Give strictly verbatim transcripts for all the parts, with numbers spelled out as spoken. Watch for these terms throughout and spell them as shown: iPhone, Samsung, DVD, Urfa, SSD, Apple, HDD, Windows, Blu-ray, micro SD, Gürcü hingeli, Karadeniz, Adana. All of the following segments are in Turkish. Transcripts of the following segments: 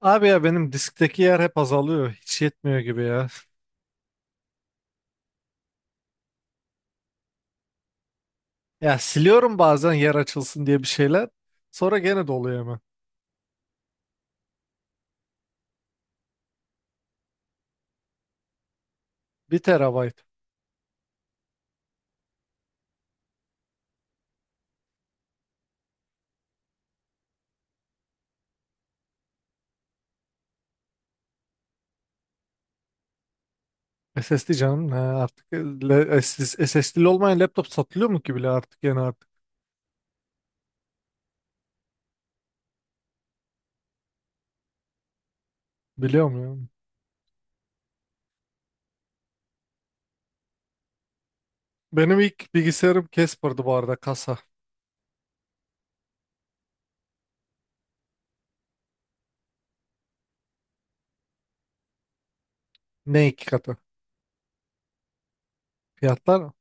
Abi ya benim diskteki yer hep azalıyor. Hiç yetmiyor gibi ya. Ya siliyorum bazen yer açılsın diye bir şeyler. Sonra gene doluyor hemen. Bir terabayt. S S D canım. Ha, artık e, le- SS- S S D'li olmayan laptop satılıyor mu ki bile artık yani artık. Biliyorum ya. Benim ilk bilgisayarım Casper'dı bu arada kasa. Ne iki katı? Fiyatlar mı?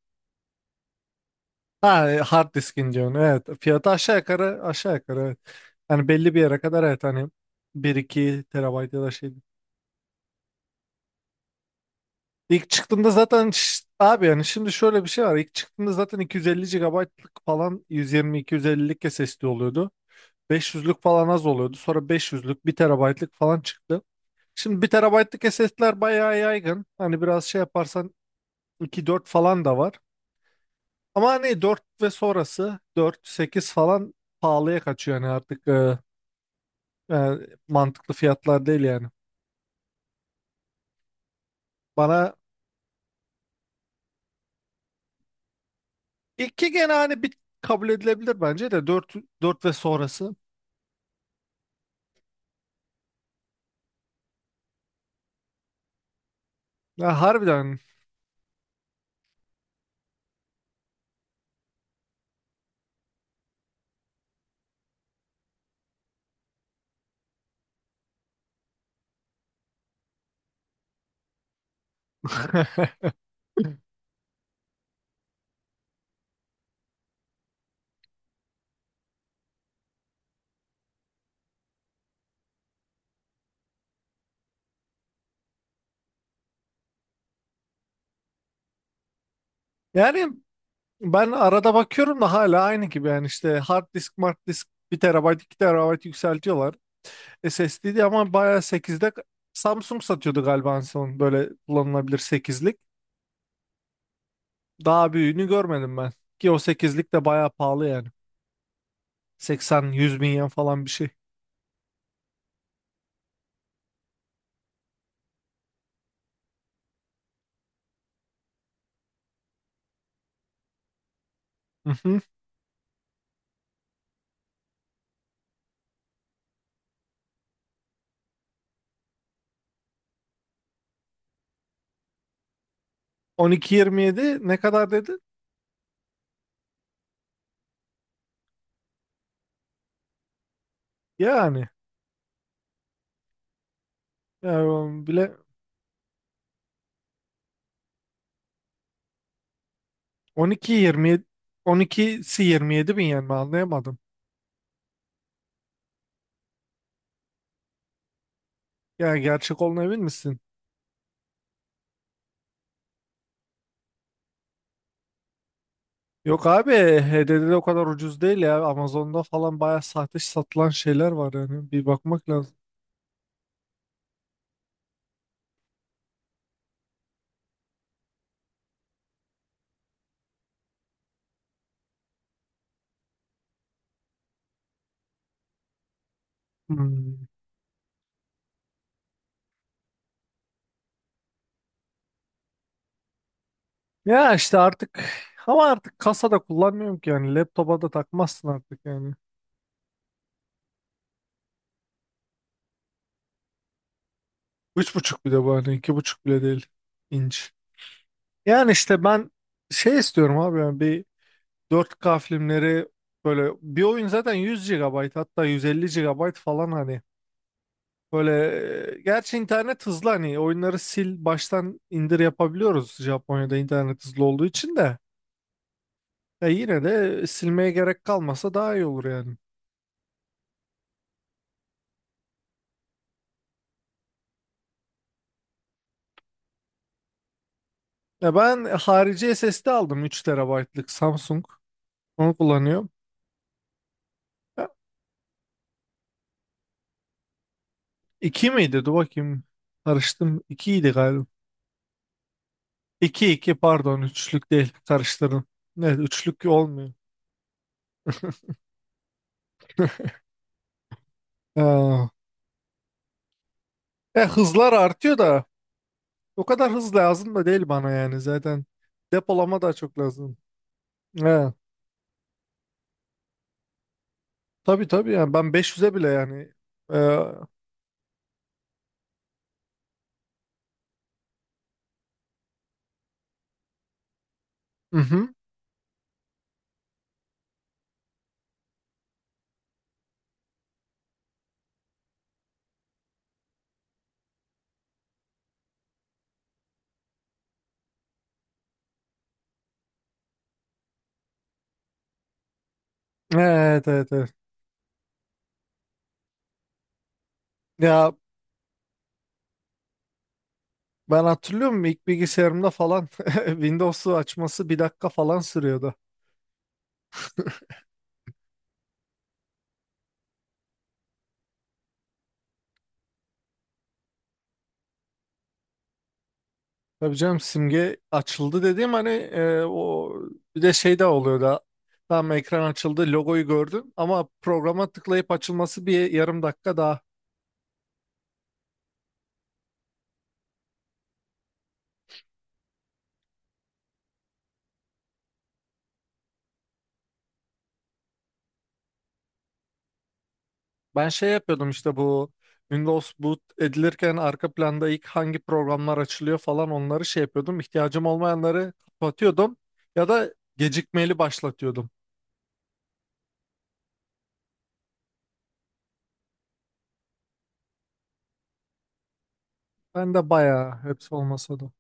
Ha e, hard diskin diyorsun. Evet. Fiyatı aşağı yukarı aşağı yukarı evet. Hani belli bir yere kadar evet hani bir iki terabayt ya da şey. İlk çıktığında zaten ş- abi yani şimdi şöyle bir şey var. İlk çıktığında zaten iki yüz elli gigabaytlık falan yüz yirmi iki yüz ellilik S S D oluyordu. beş yüzlük falan az oluyordu. Sonra beş yüzlük bir terabaytlık falan çıktı. Şimdi bir T B'lık S S D'ler bayağı yaygın. Hani biraz şey yaparsan iki dört falan da var. Ama hani dört ve sonrası dört sekiz falan pahalıya kaçıyor yani artık e, yani mantıklı fiyatlar değil yani. Bana iki gene hani bir kabul edilebilir bence de dört dört ve sonrası. Ya harbiden. Yani ben arada bakıyorum da hala aynı gibi yani işte hard disk, mart disk bir terabayt iki terabayt yükseltiyorlar. S S D'ydi ama bayağı sekizde Samsung satıyordu galiba en son böyle kullanılabilir sekizlik. Daha büyüğünü görmedim ben. Ki o sekizlik de bayağı pahalı yani. seksen yüz bin yen falan bir şey. Hı hı. on iki yirmi yedi ne kadar dedin? Yani, yani o bile on iki yirmi yedi, on ikisi yirmi yedi bin yen mi anlayamadım. Yani gerçek olduğuna emin misin? Yok abi, H D D'de o kadar ucuz değil ya. Amazon'da falan bayağı sahte satılan şeyler var yani. Bir bakmak lazım. Hmm. Ya işte artık ama artık kasada kullanmıyorum ki yani. Laptopa da takmazsın artık yani. Üç buçuk, bir de bu hani iki buçuk bile değil inç. Yani işte ben şey istiyorum abi yani bir dört k filmleri, böyle bir oyun zaten yüz gigabayt hatta yüz elli gigabayt falan hani. Böyle e, gerçi internet hızlı hani oyunları sil baştan indir yapabiliyoruz, Japonya'da internet hızlı olduğu için de ya yine de silmeye gerek kalmasa daha iyi olur yani. Ya ben harici S S D aldım, üç terabaytlık Samsung. Onu kullanıyorum. Ya, iki miydi? Dur bakayım. Karıştım. ikiydi galiba. İki iki pardon, üçlük değil, karıştırdım. Evet üçlük olmuyor. Ha. Ya, hızlar artıyor da o kadar hız lazım da değil bana yani zaten depolama daha çok lazım. Evet. Tabii tabii yani ben beş yüze bile yani. Ee, hı hı. Evet evet evet. Ya ben hatırlıyorum ilk bilgisayarımda falan Windows'u açması bir dakika falan sürüyordu. Tabii canım, simge açıldı dediğim hani e, o bir de şey de oluyordu. Tamam ekran açıldı, logoyu gördün ama programa tıklayıp açılması bir yarım dakika daha. Ben şey yapıyordum işte bu Windows boot edilirken arka planda ilk hangi programlar açılıyor falan onları şey yapıyordum. İhtiyacım olmayanları kapatıyordum ya da gecikmeli başlatıyordum. Ben de bayağı, hepsi olmasa da.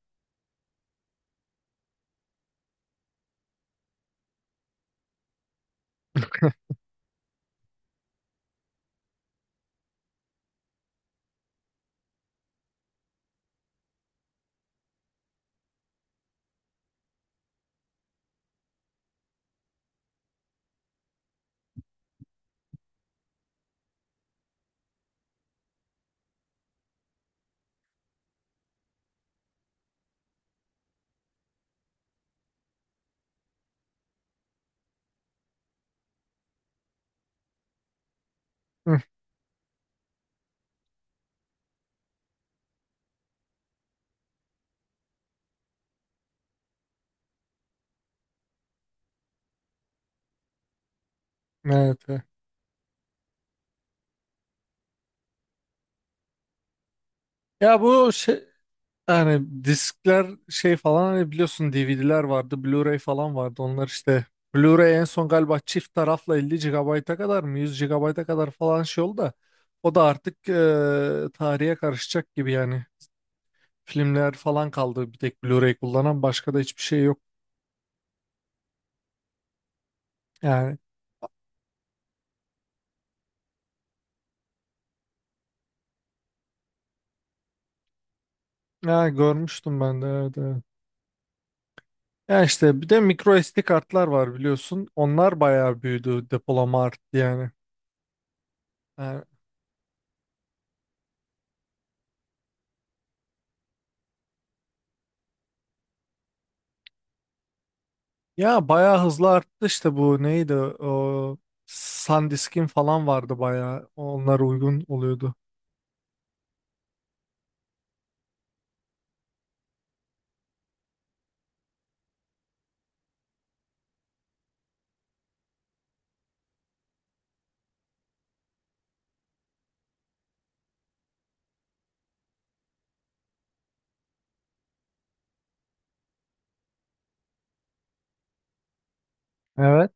Hı, evet. evet. Ya bu şey yani diskler şey falan hani biliyorsun D V D'ler vardı, Blu-ray falan vardı. Onlar işte Blu-ray en son galiba çift tarafla elli gigabayta kadar mı yüz gigabayta kadar falan şey oldu da o da artık eee, tarihe karışacak gibi yani. Filmler falan kaldı bir tek Blu-ray kullanan, başka da hiçbir şey yok. Yani ya görmüştüm ben de, evet, evet. Ya işte bir de micro S D kartlar var biliyorsun. Onlar bayağı büyüdü, depolama arttı yani. Yani ya bayağı hızlı arttı işte bu neydi o SanDisk'in falan vardı bayağı. Onlar uygun oluyordu. Evet.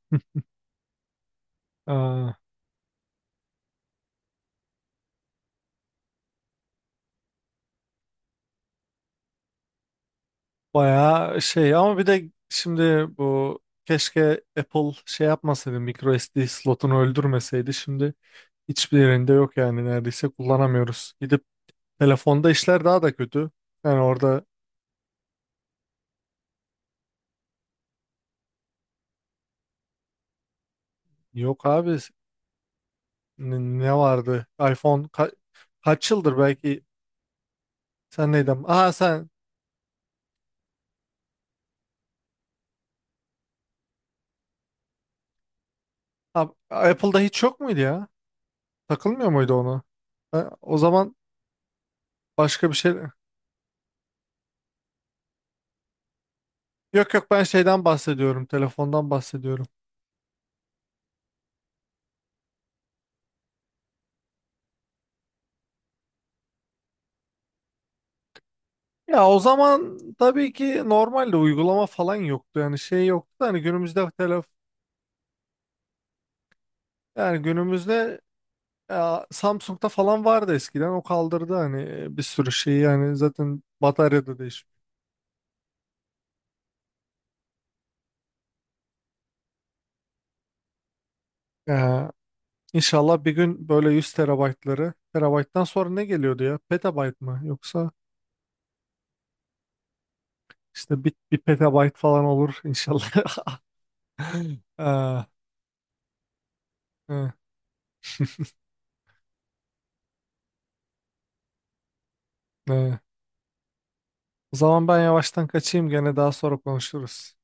Aa, bayağı şey ama bir de şimdi bu keşke Apple şey yapmasaydı, micro S D slotunu öldürmeseydi şimdi. Hiçbir yerinde yok yani, neredeyse kullanamıyoruz. Gidip telefonda işler daha da kötü. Yani orada yok abi, n- ne vardı? iPhone ka- kaç yıldır belki sen neydin? Aha sen A- Apple'da hiç yok muydu ya? Takılmıyor muydu onu? Ha, o zaman başka bir şey. Yok yok ben şeyden bahsediyorum. Telefondan bahsediyorum. Ya o zaman tabii ki normalde uygulama falan yoktu. Yani şey yoktu da hani günümüzde telefon yani günümüzde. Ya, Samsung'da falan vardı eskiden o kaldırdı hani e, bir sürü şeyi yani zaten bataryada değiş. Ya, İnşallah bir gün böyle yüz terabaytları, terabayttan sonra ne geliyordu ya? Petabayt mı? Yoksa işte bir, bir petabayt falan olur inşallah. Aa, hı, hı. O zaman ben yavaştan kaçayım, gene daha sonra konuşuruz.